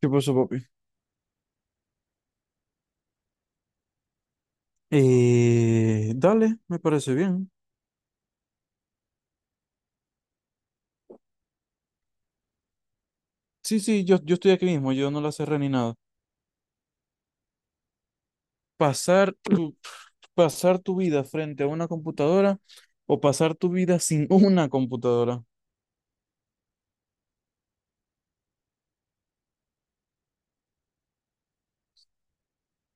¿Qué pasó, papi? Dale, me parece bien. Sí, sí, yo estoy aquí mismo, yo no la cerré ni nada. Pasar tu, pasar tu vida frente a una computadora o pasar tu vida sin una computadora.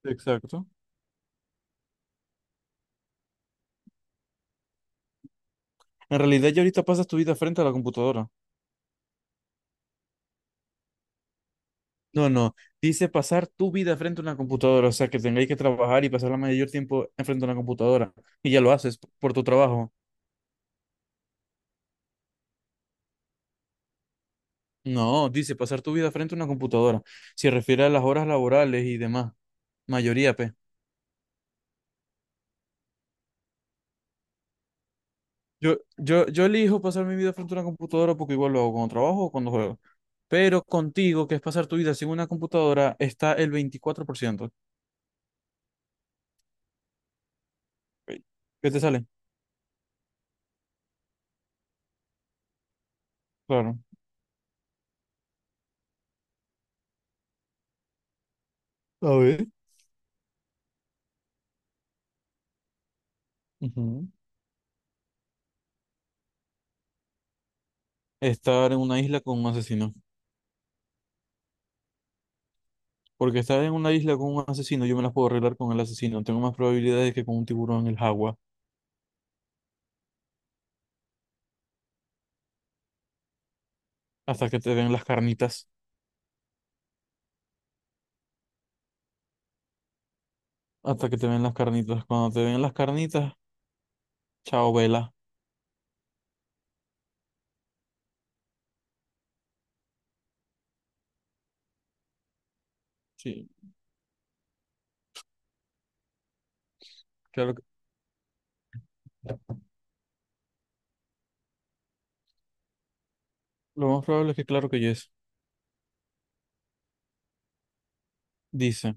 Exacto. En realidad, ya ahorita pasas tu vida frente a la computadora. No, no, dice pasar tu vida frente a una computadora, o sea, que tengáis que trabajar y pasar la mayor tiempo enfrente a una computadora. Y ya lo haces por tu trabajo. No, dice pasar tu vida frente a una computadora. Se refiere a las horas laborales y demás. Mayoría, P. Yo elijo pasar mi vida frente a una computadora porque igual lo hago cuando trabajo o cuando juego. Pero contigo, que es pasar tu vida sin una computadora, está el 24%. Ok. ¿Qué te sale? Claro. A ver. Ujú. Estar en una isla con un asesino. Porque estar en una isla con un asesino, yo me las puedo arreglar con el asesino. Tengo más probabilidades que con un tiburón en el agua. Hasta que te ven las carnitas. Hasta que te ven las carnitas. Cuando te ven las carnitas, chao, vela. Sí, claro que- lo más probable es que claro que yes. Dice.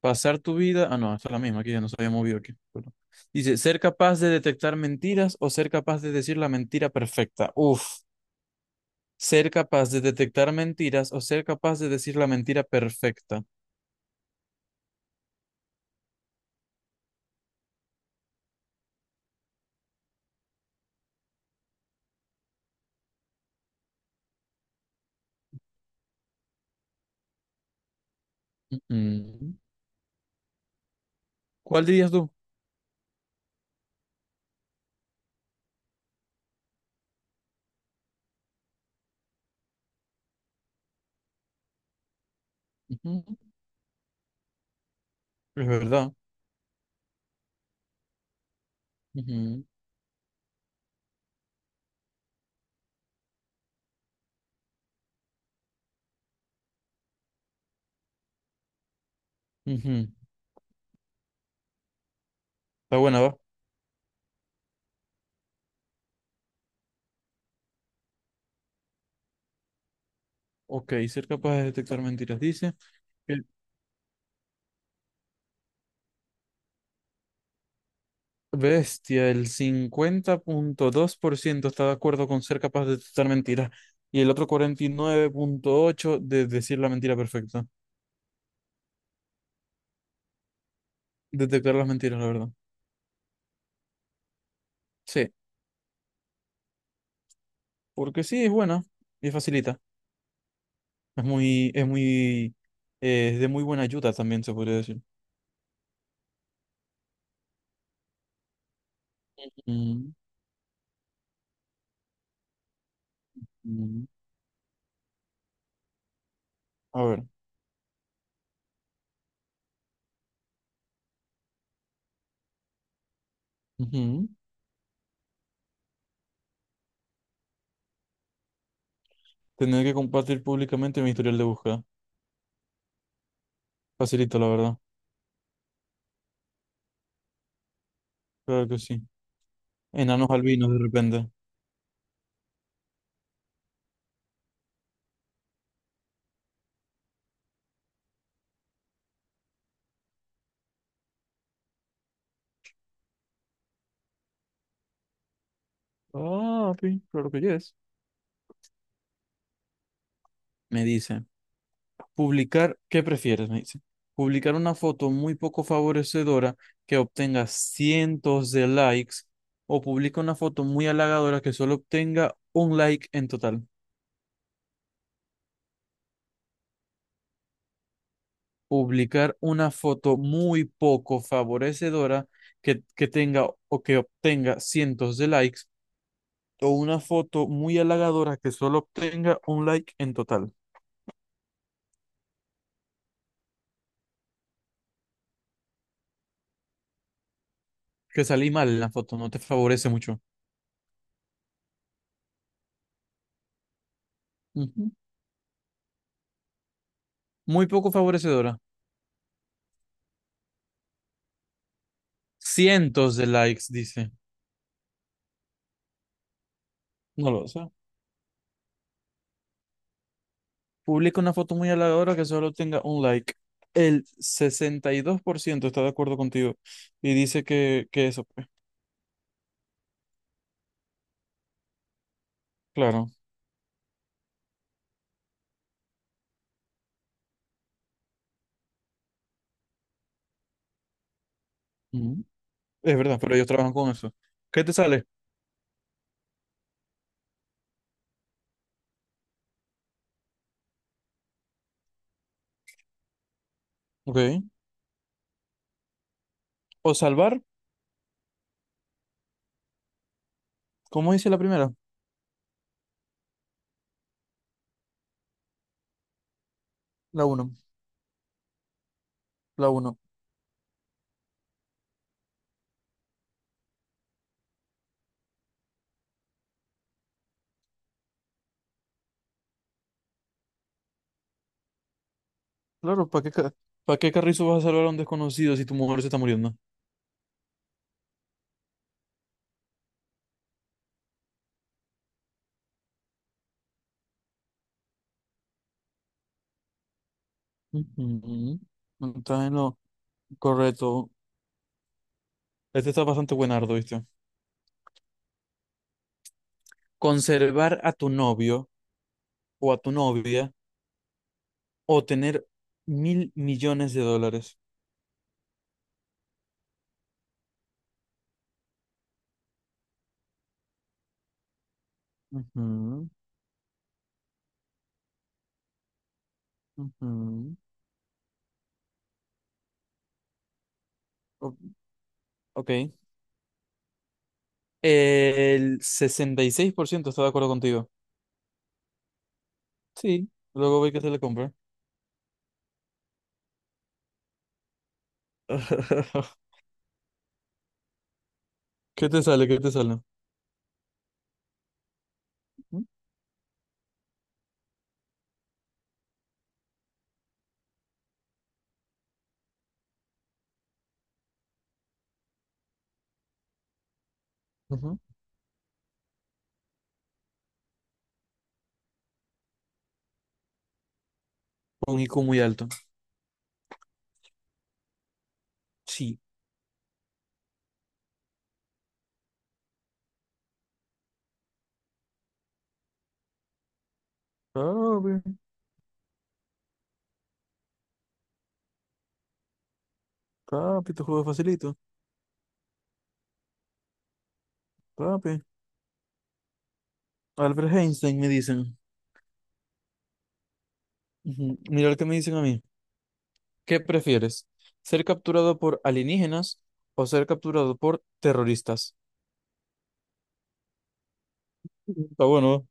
Pasar tu vida. Ah, no, esta es la misma, aquí ya nos había movido aquí. Perdón. Dice, ser capaz de detectar mentiras o ser capaz de decir la mentira perfecta. Uf, ser capaz de detectar mentiras o ser capaz de decir la mentira perfecta. Ujú. ¿Cuál dirías tú? Ujú. Es verdad. Ujú, ujú. Está buena, va. Ok, ser capaz de detectar mentiras. Dice. Que Bestia, el 50,2% está de acuerdo con ser capaz de detectar mentiras y el otro 49,8% de decir la mentira perfecta. Detectar las mentiras, la verdad. Sí, porque sí, es buena y facilita. Es muy, es muy, es de muy buena ayuda también, se podría decir. Mm, mm. A ver. Ujú. Tener que compartir públicamente mi historial de búsqueda. Facilito, la verdad. Claro que sí. Enanos albinos, de repente. Ah, sí, claro que yes. Me dice. Publicar, ¿qué prefieres? Me dice. Publicar una foto muy poco favorecedora que obtenga cientos de likes o publica una foto muy halagadora que solo obtenga un like en total. Publicar una foto muy poco favorecedora que tenga o que obtenga cientos de likes o una foto muy halagadora que solo obtenga un like en total. Que salí mal en la foto, no te favorece mucho. Ujú. Muy poco favorecedora. Cientos de likes, dice. No lo sé. Publica una foto muy halagadora que solo tenga un like. El 62% está de acuerdo contigo y dice que eso, pues, claro. Ujú. Es verdad, pero ellos trabajan con eso. ¿Qué te sale? Ok. O salvar, ¿cómo dice la primera? La uno. La uno. Claro, ¿para qué carrizo vas a salvar a un desconocido si tu mujer se está muriendo? Ujú. Está en lo correcto. Este está bastante buenardo, ¿viste? Conservar a tu novio o a tu novia o tener $1.000.000.000. Ujú, ujú. O- ok. El 66%, está de acuerdo contigo. Sí, luego ve que se le compra. ¿Qué te sale? ¿Qué te sale? Ujú. Un IQ muy alto. Sí. Papi, papi, tu juego es facilito. Papi. Albert Einstein me dicen. Ujú. Mira lo que me dicen a mí. ¿Qué prefieres? ¿Ser capturado por alienígenas o ser capturado por terroristas? Ujú. Está bueno.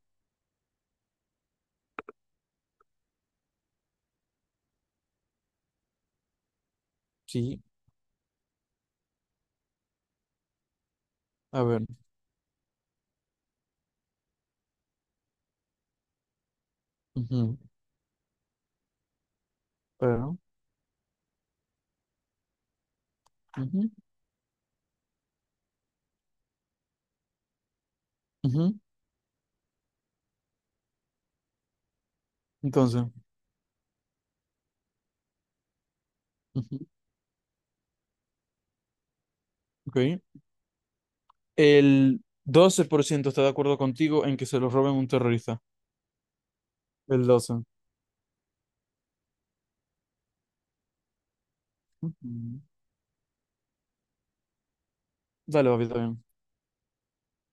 Sí. A ver. Ujú. Pero. Ujú, ujú. Entonces. Ujú. Ok. El 12% está de acuerdo contigo en que se lo roben a un terrorista. El 12. Ujú. Dale, papi, está bien.